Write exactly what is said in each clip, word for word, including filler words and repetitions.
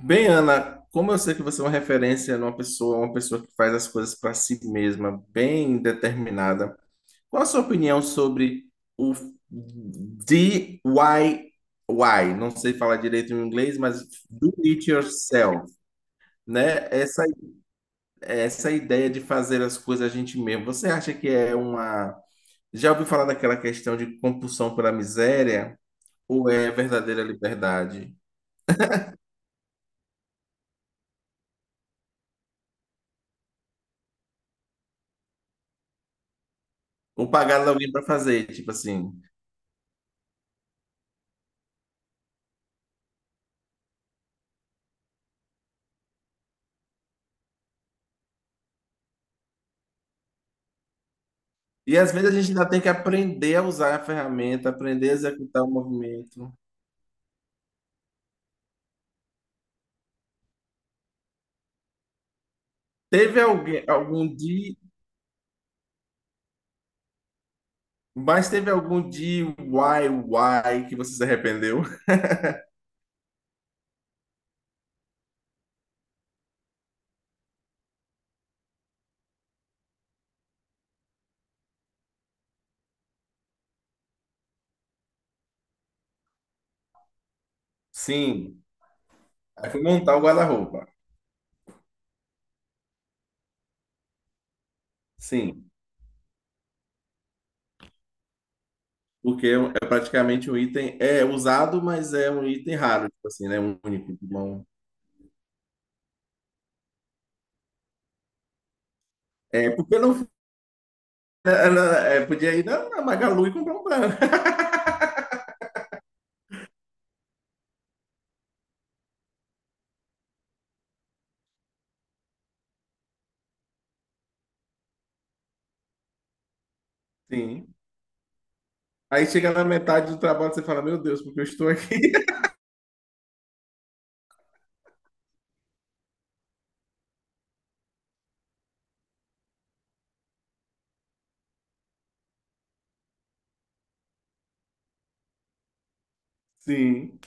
Bem, Ana, como eu sei que você é uma referência numa pessoa, uma pessoa que faz as coisas para si mesma, bem determinada, qual a sua opinião sobre o D I Y? Não sei falar direito em inglês, mas do it yourself, né? Essa, essa ideia de fazer as coisas a gente mesmo. Você acha que é uma... Já ouviu falar daquela questão de compulsão pela miséria? Ou é verdadeira liberdade? Ou pagar alguém para fazer, tipo assim... E às vezes a gente ainda tem que aprender a usar a ferramenta, aprender a executar o movimento. Teve alguém, algum dia, mas teve algum D I Y que você se arrependeu? Sim. Aí fui montar o guarda-roupa. Sim. Porque é praticamente um item, é usado, mas é um item raro, tipo assim, né? Um único. Bom. É, porque não, ela, é, podia ir na, na Magalu e comprar um branco. Sim. Aí chega na metade do trabalho, e você fala, meu Deus, porque eu estou aqui? Sim.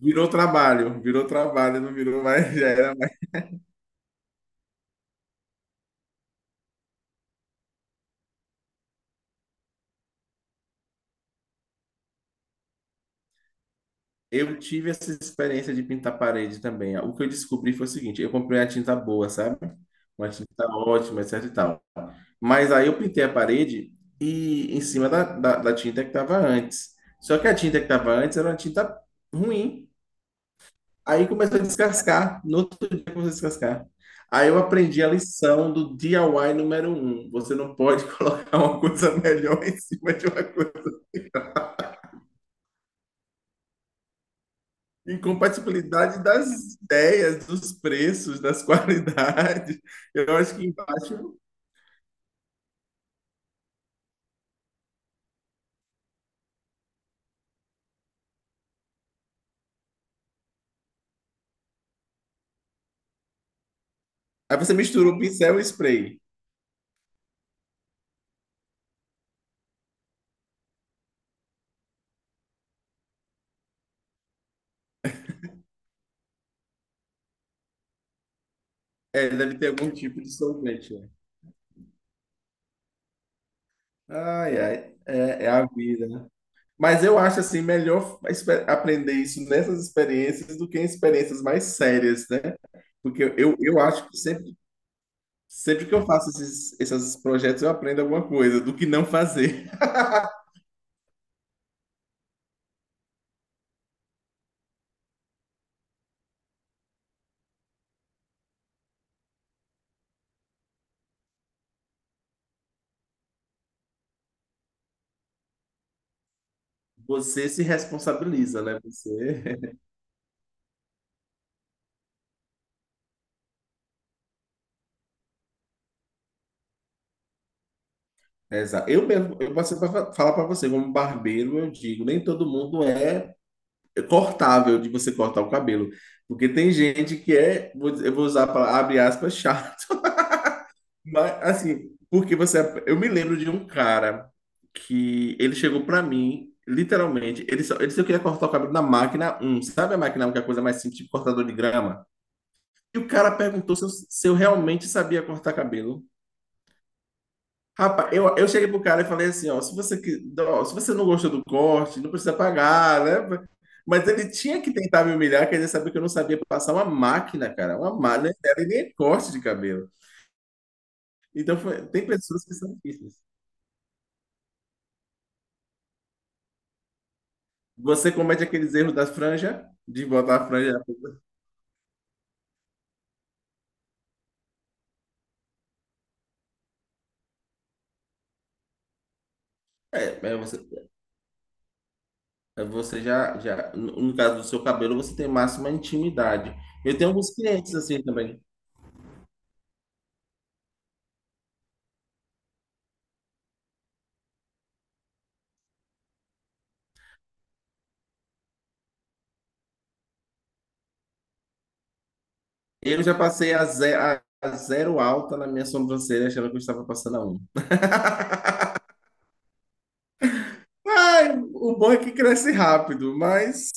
Virou trabalho, virou trabalho, não virou mais, já era mais. Eu tive essa experiência de pintar parede também. O que eu descobri foi o seguinte, eu comprei uma tinta boa, sabe? Uma tinta ótima, etc e tal. Mas aí eu pintei a parede e em cima da, da, da tinta que estava antes. Só que a tinta que estava antes era uma tinta ruim. Aí começou a descascar, no outro dia começou a descascar. Aí eu aprendi a lição do D I Y número um. Você não pode colocar uma coisa melhor em cima de uma coisa. Incompatibilidade das ideias, dos preços, das qualidades. Eu acho que embaixo. Aí você mistura o pincel e spray. É, deve ter algum tipo de solvente, né? Ai, ai, é, é a vida, né? Mas eu acho assim melhor espe- aprender isso nessas experiências do que em experiências mais sérias, né? Porque eu, eu acho que sempre, sempre que eu faço esses, esses projetos eu aprendo alguma coisa do que não fazer. Você se responsabiliza, né? Você... Exato. Eu mesmo, eu passei para falar para você, como barbeiro, eu digo, nem todo mundo é cortável de você cortar o cabelo, porque tem gente que é, vou dizer- eu vou usar para abre aspas, chato, mas assim, porque você, é, eu me lembro de um cara que ele chegou para mim, literalmente, ele só, ele disse que eu queria cortar o cabelo na máquina um, sabe, a máquina um, que é a coisa mais simples, tipo cortador de grama? E o cara perguntou se eu, se eu realmente sabia cortar cabelo. Rapaz, eu, eu cheguei pro cara e falei assim, ó, se você, que- ó, se você não gostou do corte, não precisa pagar, né? Mas ele tinha que tentar me humilhar, quer dizer, saber que eu não sabia passar uma máquina, cara, uma máquina, e nem é corte de cabelo. Então, foi- tem pessoas que são difíceis. Você comete aqueles erros da franja, de botar a franja... É, é, você, é, você já, já, no no caso do seu cabelo, você tem máxima intimidade. Eu tenho alguns clientes assim também. Eu já passei a, ze- a a zero alta na minha sobrancelha, achando que eu estava passando a um. Ai, o bom é que cresce rápido, mas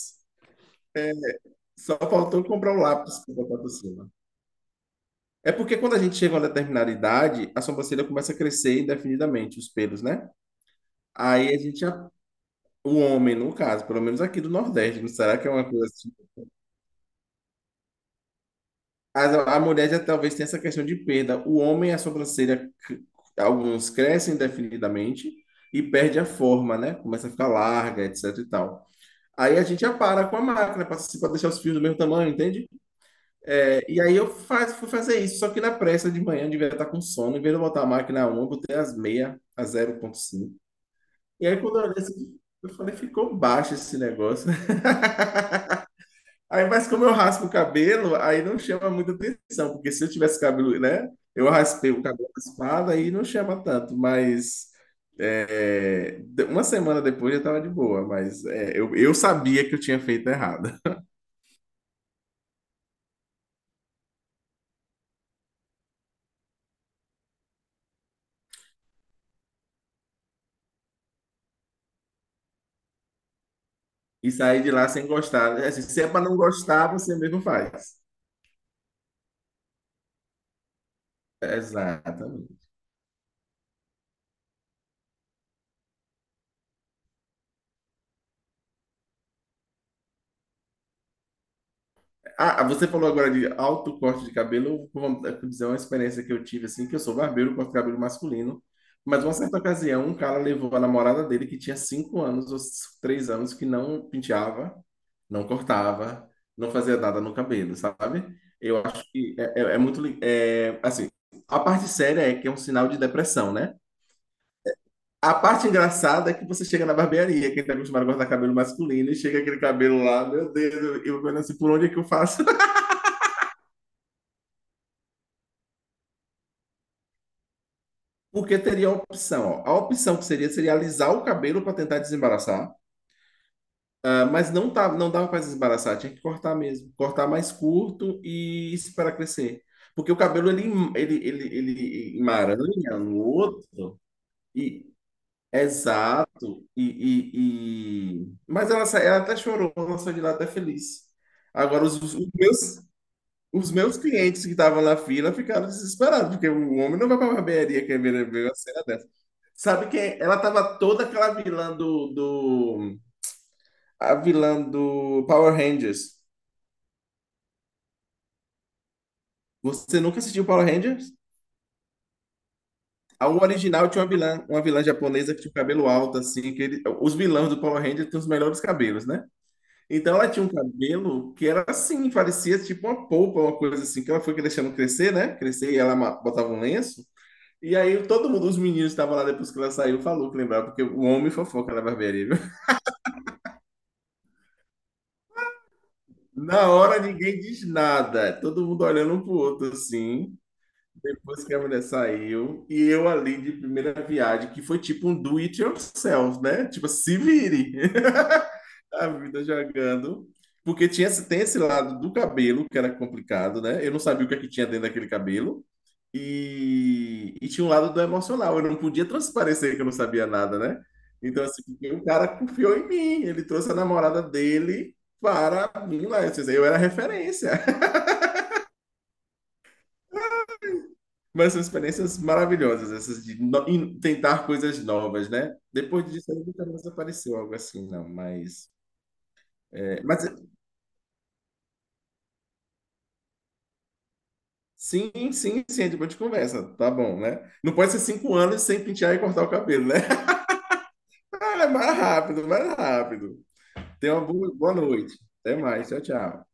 só faltou comprar um lápis para botar por cima. É porque quando a gente chega a uma determinada idade, a sobrancelha começa a crescer indefinidamente, os pelos, né? Aí a gente, já- o homem, no caso, pelo menos aqui do Nordeste, não será que é uma coisa assim? Mas A, a mulher já talvez tenha essa questão de perda. O homem, a sobrancelha, c- alguns crescem indefinidamente e perde a forma, né? Começa a ficar larga, etc e tal. Aí a gente já para com a máquina para deixar os fios do mesmo tamanho, entende? É, e aí eu faz- fui fazer isso, só que na pressa de manhã eu devia estar com sono, em vez de eu botar a máquina a um, eu botei as meia a zero vírgula cinco. E aí quando eu olhei assim, eu falei, ficou baixo esse negócio. Aí, mas como eu raspo o cabelo, aí não chama muita atenção, porque se eu tivesse cabelo, né? Eu raspei o cabelo raspado, aí não chama tanto, mas é, de- uma semana depois eu tava de boa, mas é, eu, eu sabia que eu tinha feito errado. E saí de lá sem gostar, né? Assim, se é para não gostar, você mesmo faz. Exatamente. Ah, ah, você falou agora de alto corte de cabelo. Vamos, vou dizer uma experiência que eu tive, assim, que eu sou barbeiro, corto cabelo masculino. Mas uma certa ocasião, um cara levou a namorada dele, que tinha cinco anos ou três anos, que não penteava, não cortava, não fazia nada no cabelo, sabe? Eu acho que é, é- é muito. li- É, assim, a parte séria é que é um sinal de depressão, né? A parte engraçada é que você chega na barbearia, quem tá acostumado a cortar cabelo masculino, e chega aquele cabelo lá, meu Deus, eu vendo assim, por onde é que eu faço? Porque teria a opção, ó. A opção que seria, seria alisar o cabelo para tentar desembaraçar. Ah, mas não tá, não dava para desembaraçar, tinha que cortar mesmo, cortar mais curto e esperar crescer. Porque o cabelo ele em- ele ele, ele emaranha no outro e exato e, e, e- mas ela sa- ela até chorou, ela saiu de lá até feliz. Agora os os meus Os meus clientes que estavam na fila ficaram desesperados, porque o homem não vai pra barbearia que ver, ver uma cena dessa. Sabe quem? Ela tava toda aquela vilã do, do... A vilã do Power Rangers. Você nunca assistiu Power Rangers? A o original tinha uma vilã, uma vilã japonesa que tinha o cabelo alto, assim, que ele- os vilões do Power Rangers têm os melhores cabelos, né? Então ela tinha um cabelo que era assim, parecia tipo uma polpa, uma coisa assim, que ela foi deixando crescer, né? Crescer e ela ma- botava um lenço. E aí todo mundo, os meninos que estavam lá depois que ela saiu, falou que lembrava, porque o homem fofoca na barbearia, viu? Na hora ninguém diz nada, todo mundo olhando um pro outro assim, depois que a mulher saiu, e eu ali de primeira viagem, que foi tipo um do it yourself, né? Tipo, se vire, a vida jogando. Porque tinha, esse- tem esse lado do cabelo que era complicado, né? Eu não sabia o que é que tinha dentro daquele cabelo. E, e tinha um lado do emocional, eu não podia transparecer que eu não sabia nada, né? Então, assim, porque o cara confiou em mim, ele trouxe a namorada dele para mim lá. Eu, disse, eu era referência. Mas são experiências maravilhosas, essas de no- in- tentar coisas novas, né? Depois disso, aí nunca mais apareceu algo assim, não. Mas, é, mas sim, sim, sim, depois de conversa, tá bom, né? Não pode ser cinco anos sem pentear e cortar o cabelo, né? Ah, é mais rápido, mais rápido. Tenha uma boa boa noite. Até mais. Tchau, tchau.